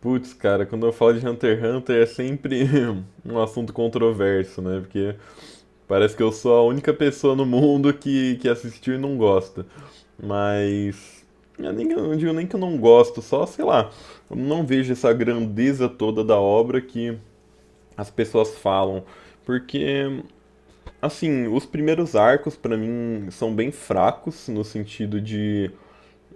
Putz, cara, quando eu falo de Hunter x Hunter é sempre um assunto controverso, né? Porque parece que eu sou a única pessoa no mundo que assistiu e não gosta. Mas. Eu não digo nem que eu não gosto, só, sei lá, eu não vejo essa grandeza toda da obra que as pessoas falam. Porque, assim, os primeiros arcos pra mim são bem fracos no sentido de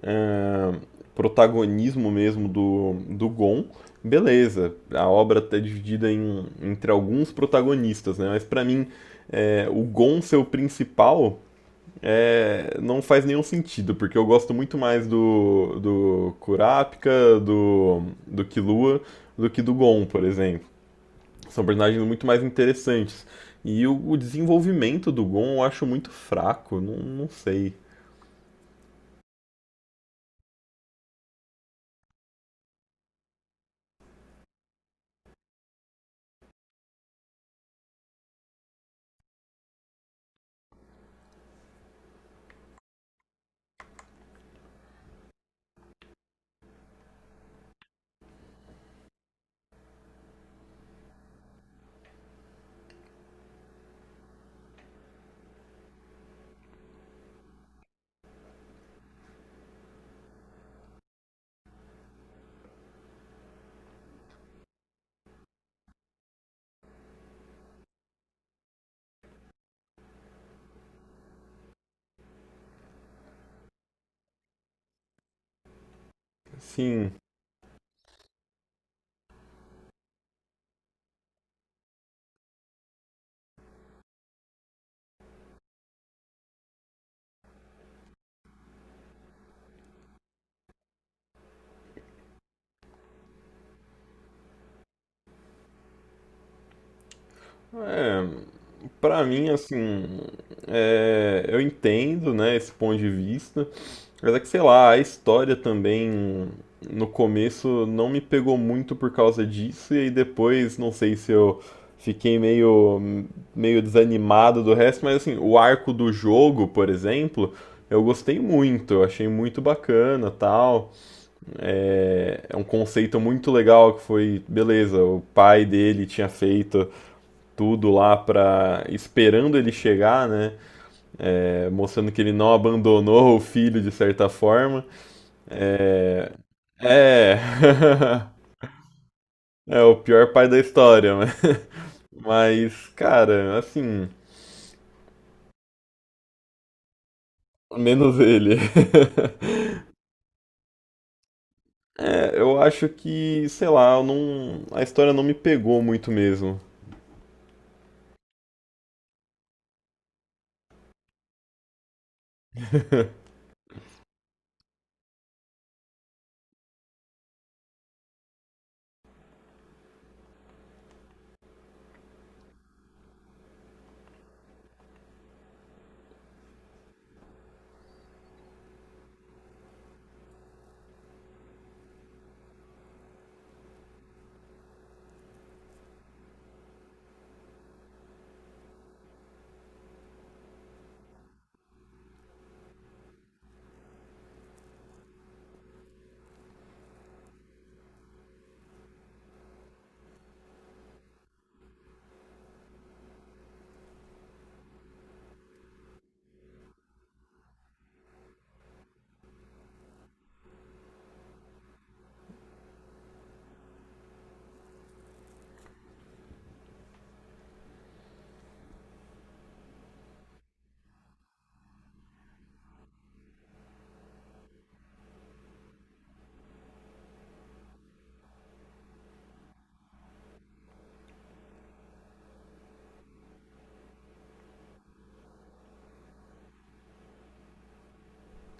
ah, protagonismo mesmo do Gon, beleza. A obra está dividida entre alguns protagonistas, né? Mas para mim, o Gon ser o principal não faz nenhum sentido, porque eu gosto muito mais do Kurapika, do Killua, do que do Gon, por exemplo. São personagens muito mais interessantes. E o desenvolvimento do Gon eu acho muito fraco, não sei. Assim, é, Pra mim, eu entendo, né, esse ponto de vista, mas é que, sei lá, a história também no começo não me pegou muito por causa disso, e aí depois, não sei se eu fiquei meio desanimado do resto, mas assim, o arco do jogo, por exemplo, eu gostei muito, eu achei muito bacana, tal. É, é um conceito muito legal que foi, beleza, o pai dele tinha feito tudo lá para esperando ele chegar, né? É, mostrando que ele não abandonou o filho de certa forma. É, é, é o pior pai da história, mas, mas cara, assim, menos ele. É, eu acho que, sei lá, eu não, a história não me pegou muito mesmo.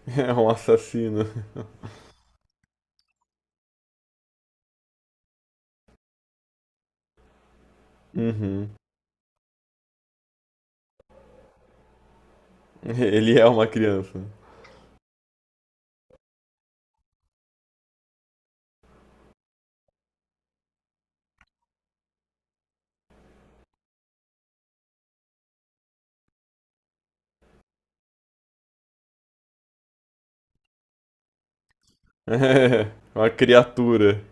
É um assassino. Uhum. Ele é uma criança. É uma criatura.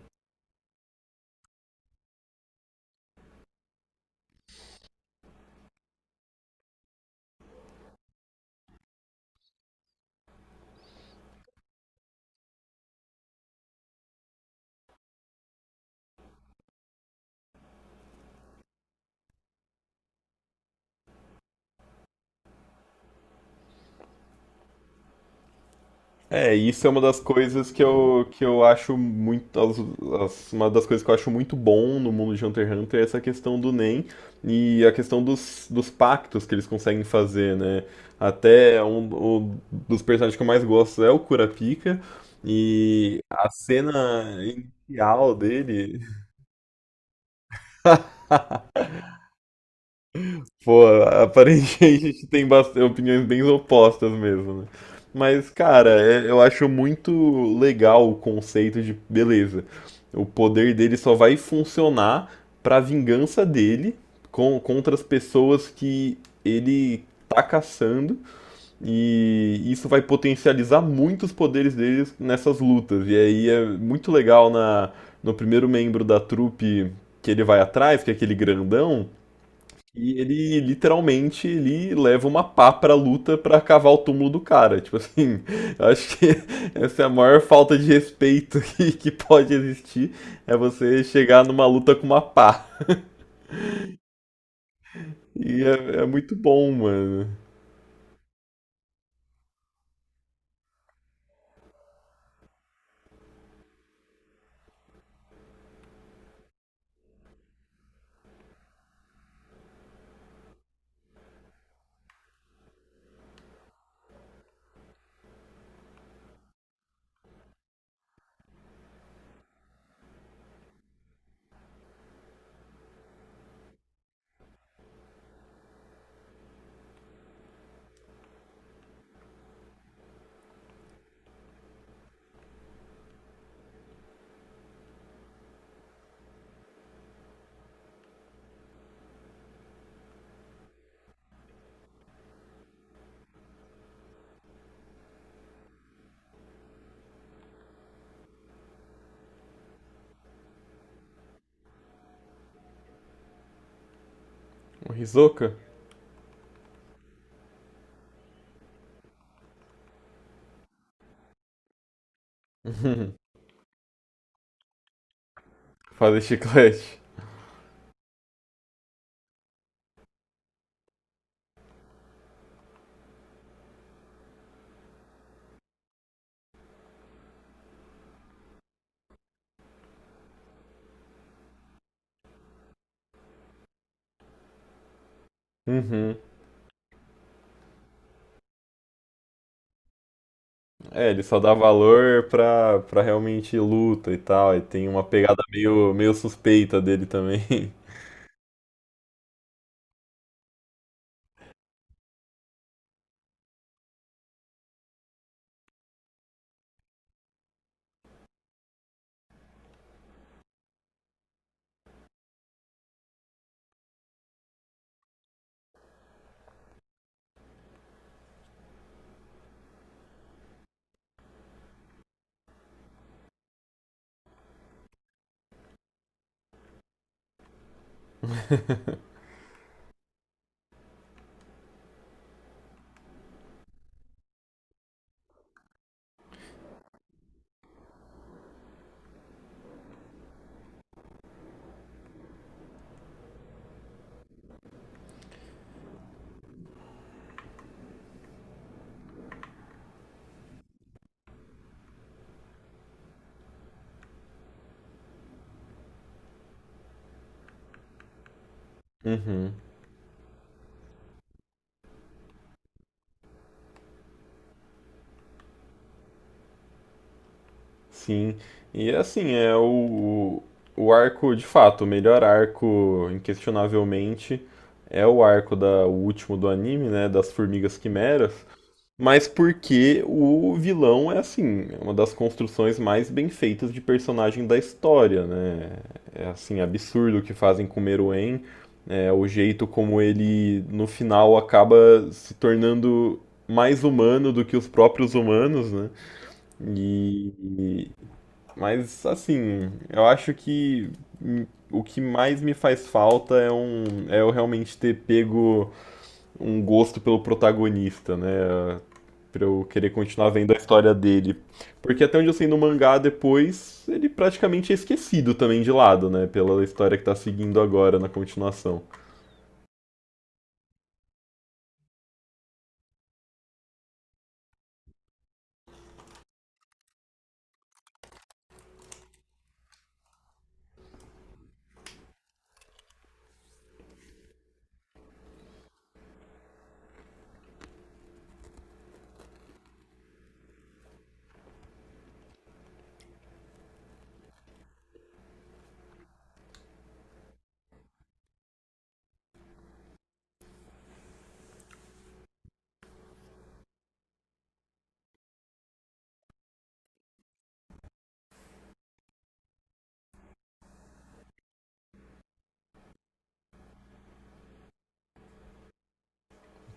É, isso é uma das coisas que eu acho muito. Uma das coisas que eu acho muito bom no mundo de Hunter x Hunter é essa questão do NEM e a questão dos, dos pactos que eles conseguem fazer, né? Até um, o- Dos personagens que eu mais gosto é o Kurapika, e a cena inicial dele. Pô, aparentemente a gente tem bastante, opiniões bem opostas mesmo, né? Mas, cara, eu acho muito legal o conceito de beleza. O poder dele só vai funcionar pra vingança dele contra as pessoas que ele tá caçando, e isso vai potencializar muitos poderes deles nessas lutas. E aí é muito legal na, no primeiro membro da trupe que ele vai atrás, que é aquele grandão. E ele literalmente ele leva uma pá pra luta pra cavar o túmulo do cara. Tipo assim, eu acho que essa é a maior falta de respeito que pode existir. É você chegar numa luta com uma pá. E é muito bom, mano. O Hisoka? Fazer chiclete. Uhum. É, ele só dá valor pra realmente luta e tal. E tem uma pegada meio suspeita dele também. Uhum. Sim, e assim, o arco, de fato, o melhor arco, inquestionavelmente, é o arco da, o último do anime, né, das Formigas Quimeras, mas porque o vilão é assim, é uma das construções mais bem feitas de personagem da história, né, é assim, absurdo o que fazem com o Meruem, é, o jeito como ele, no final, acaba se tornando mais humano do que os próprios humanos, né, e mas assim, eu acho que o que mais me faz falta é eu realmente ter pego um gosto pelo protagonista, né? Pra eu querer continuar vendo a história dele. Porque até onde eu sei no mangá depois, ele praticamente é esquecido também de lado, né? Pela história que tá seguindo agora na continuação.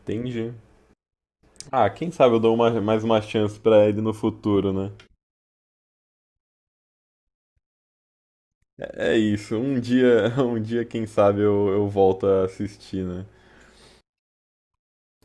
Entendi. Ah, quem sabe eu dou mais uma chance pra ele no futuro, né? É isso, um dia, um dia, quem sabe eu volto a assistir, né?